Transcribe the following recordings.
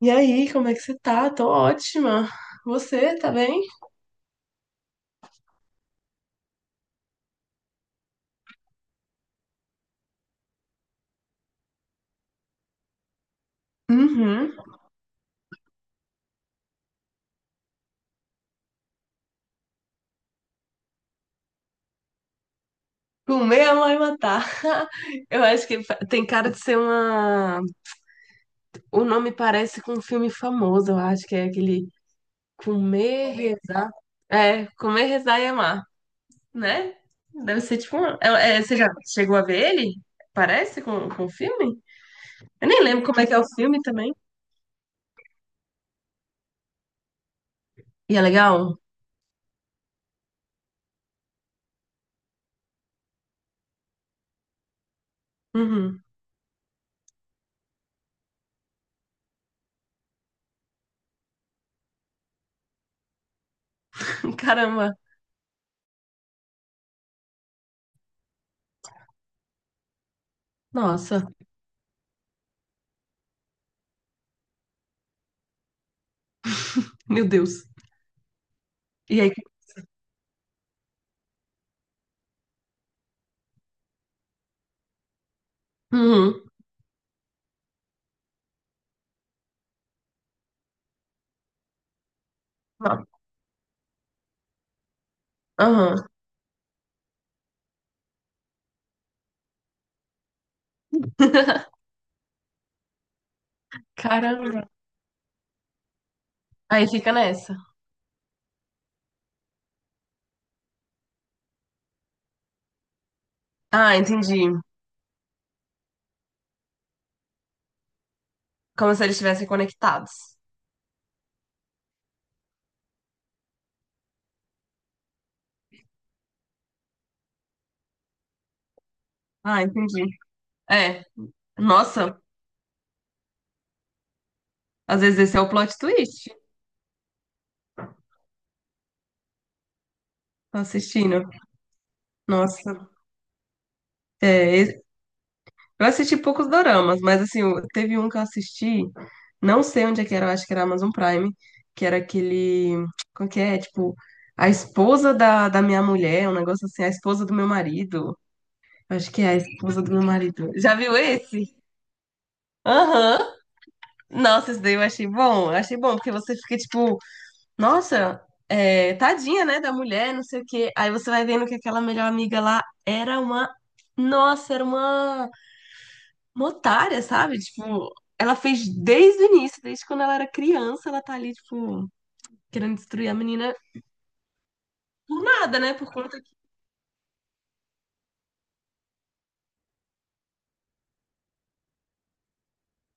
E aí, como é que você tá? Tô ótima. Você, tá bem? Uhum. Comer a mãe matar. Eu acho que tem cara de ser uma. O nome parece com um filme famoso, eu acho que é aquele Comer, Rezar. É, Comer, Rezar e Amar, né? Deve ser tipo você já chegou a ver ele? Parece com o filme? Eu nem lembro como é que é o filme também. E é legal? Uhum. Caramba. Nossa. Meu Deus. E aí? Uhum. Aham. Caramba. Aí fica nessa. Ah, entendi. Como se eles estivessem conectados. Ah, entendi. É. Nossa, às vezes esse é o plot twist. Tô assistindo. Nossa. É, eu assisti poucos doramas, mas assim, teve um que eu assisti, não sei onde é que era, eu acho que era Amazon Prime, que era aquele. Como que é? Tipo, a esposa da minha mulher, um negócio assim, a esposa do meu marido. Eu acho que é a esposa do meu marido. Já viu esse? Aham. Nossa, isso daí eu achei bom. Eu achei bom, porque você fica tipo, nossa, é, tadinha, né, da mulher, não sei o quê. Aí você vai vendo que aquela melhor amiga lá era uma. Nossa, era uma otária, sabe? Tipo, ela fez desde o início, desde quando ela era criança, ela tá ali, tipo, querendo destruir a menina por nada, né? Por conta que.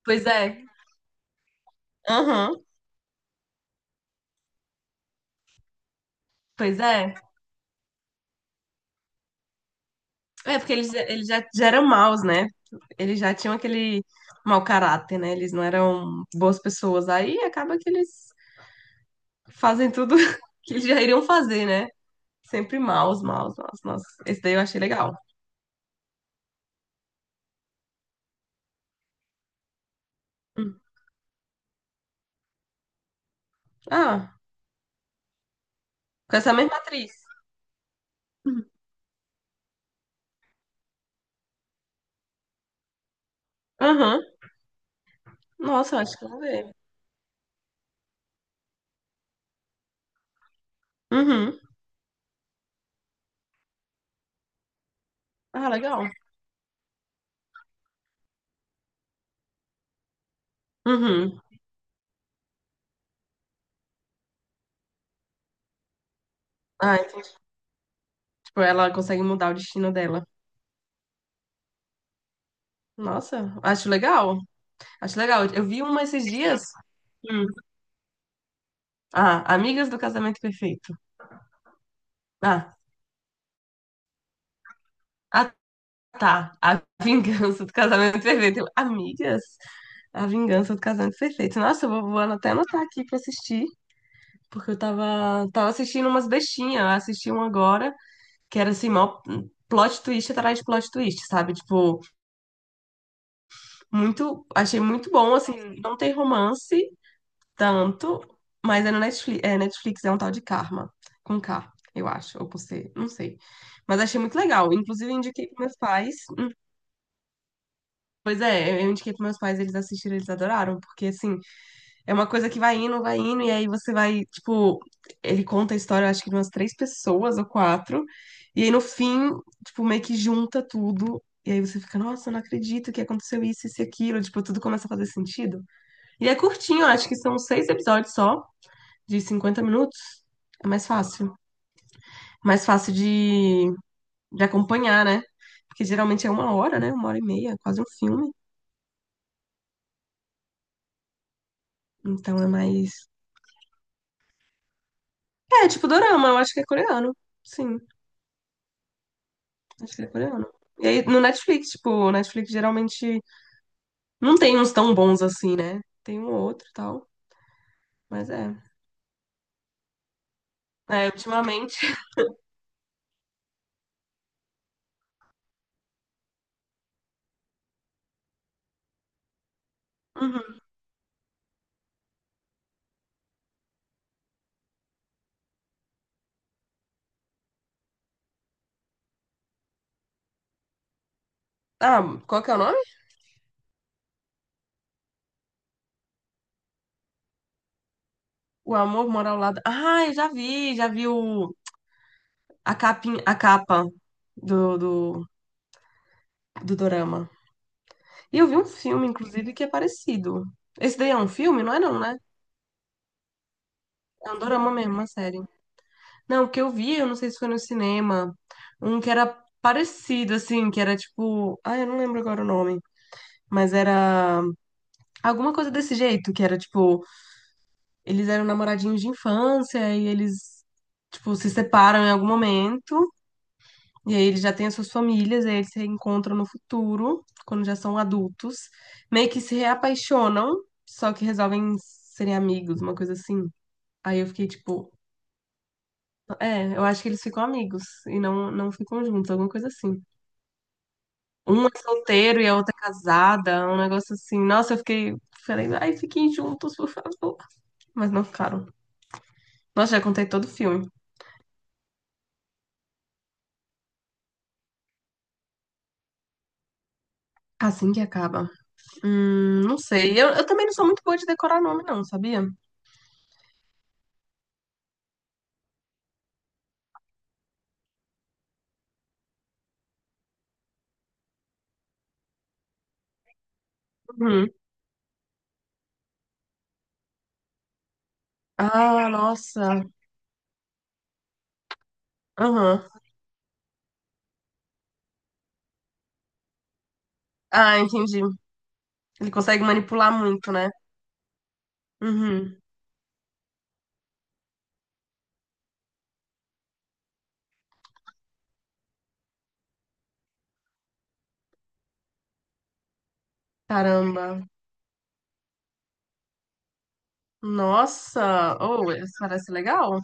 Pois é. Aham. Pois é. É, porque eles já eram maus, né? Eles já tinham aquele mau caráter, né? Eles não eram boas pessoas. Aí acaba que eles fazem tudo que eles já iriam fazer, né? Sempre maus, maus, maus, nossa. Esse daí eu achei legal. Hum. Ah, com essa mesma atriz. Uhum. Aham. Nossa, eu acho que eu vou ver. Uhum. Ah, legal. Uhum. Ah, então, tipo, ela consegue mudar o destino dela. Nossa, acho legal. Acho legal. Eu vi uma esses dias. Hum. Ah, Amigas do Casamento Perfeito. Ah, ah, tá. A Vingança do Casamento Perfeito. Eu, Amigas? A Vingança do Casamento Perfeito. Nossa, eu vou até anotar aqui pra assistir. Porque eu tava assistindo umas bestinhas. Eu assisti um agora, que era assim, mó plot twist atrás de plot twist, sabe? Tipo, muito. Achei muito bom, assim, não tem romance tanto, mas é no Netflix é um tal de Karma, com K, eu acho, ou com C, não sei. Mas achei muito legal. Inclusive, eu indiquei pros meus pais. Pois é, eu indiquei pros meus pais, eles assistiram, eles adoraram, porque assim. É uma coisa que vai indo, e aí você vai, tipo, ele conta a história, eu acho que de umas três pessoas ou quatro, e aí no fim, tipo, meio que junta tudo, e aí você fica, nossa, eu não acredito que aconteceu isso, isso e aquilo, tipo, tudo começa a fazer sentido. E é curtinho, eu acho que são seis episódios só, de 50 minutos, é mais fácil. Mais fácil de acompanhar, né? Porque geralmente é uma hora, né? Uma hora e meia, quase um filme, então é mais... É, tipo, dorama, eu acho que é coreano, sim. Acho que é coreano. E aí, no Netflix, tipo, o Netflix geralmente não tem uns tão bons assim, né? Tem um ou outro e tal, mas é. É, ultimamente. Uhum. Ah, qual que é o nome? O Amor Mora ao Lado. Ah, eu já vi o... a capinha, a capa do, do, do dorama. E eu vi um filme, inclusive, que é parecido. Esse daí é um filme? Não é não, né? É um dorama mesmo, uma série. Não, o que eu vi, eu não sei se foi no cinema, um que era parecido, assim, que era tipo... Ah, eu não lembro agora o nome. Mas era alguma coisa desse jeito, que era tipo, eles eram namoradinhos de infância e eles, tipo, se separam em algum momento. E aí eles já têm as suas famílias, e aí eles se reencontram no futuro, quando já são adultos. Meio que se reapaixonam, só que resolvem serem amigos, uma coisa assim. Aí eu fiquei tipo, é, eu acho que eles ficam amigos e não ficam juntos, alguma coisa assim. Um é solteiro e a outra é casada, um negócio assim. Nossa, eu fiquei, falei, ai, fiquem juntos, por favor. Mas não ficaram. Nossa, já contei todo o filme. Assim que acaba. Não sei. Eu também não sou muito boa de decorar nome, não, sabia? Uhum. Ah, nossa. Aham. Ah, entendi. Ele consegue manipular muito, né? Uhum. Caramba. Nossa. Oh, isso parece legal.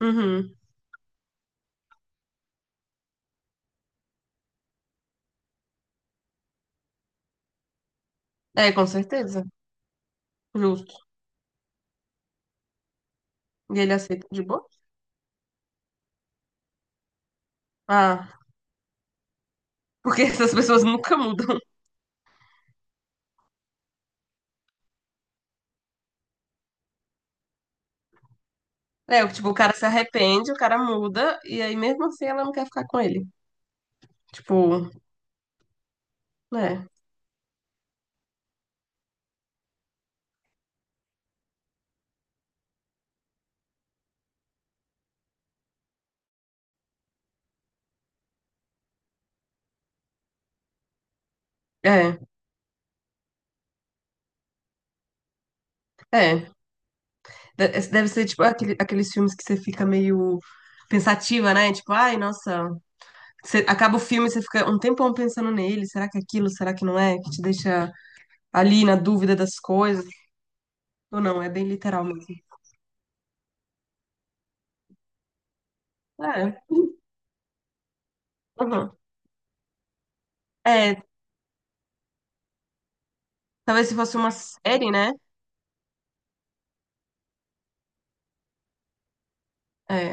Uhum. É, com certeza. Justo. E ele aceita de boa? Ah, porque essas pessoas nunca mudam. É, tipo, o cara se arrepende, o cara muda, e aí mesmo assim ela não quer ficar com ele. Tipo, é. É, é. Deve ser tipo aqueles filmes que você fica meio pensativa, né? Tipo, ai, nossa, você acaba o filme e você fica um tempão pensando nele, será que é aquilo, será que não é? Que te deixa ali na dúvida das coisas. Ou não, é bem literal mesmo. É, uhum. É, talvez se fosse uma série, né? É,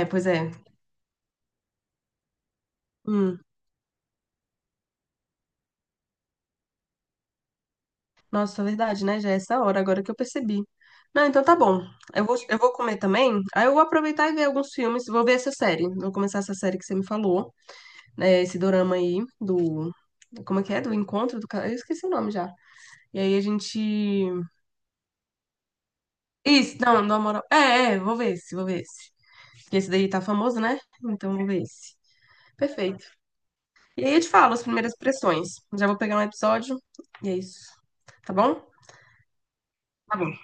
pois é. Hum, nossa, é verdade, né? Já é essa hora, agora que eu percebi. Não, então tá bom. Eu vou comer também. Aí eu vou aproveitar e ver alguns filmes. Vou ver essa série. Vou começar essa série que você me falou. É, esse dorama aí do. Como é que é? Do encontro do cara. Eu esqueci o nome já. E aí a gente. Isso, não, do amor. Vou ver esse, vou ver esse. Porque esse daí tá famoso, né? Então vou ver esse. Perfeito. E aí eu te falo as primeiras impressões. Já vou pegar um episódio e é isso. Tá bom? Tá bom.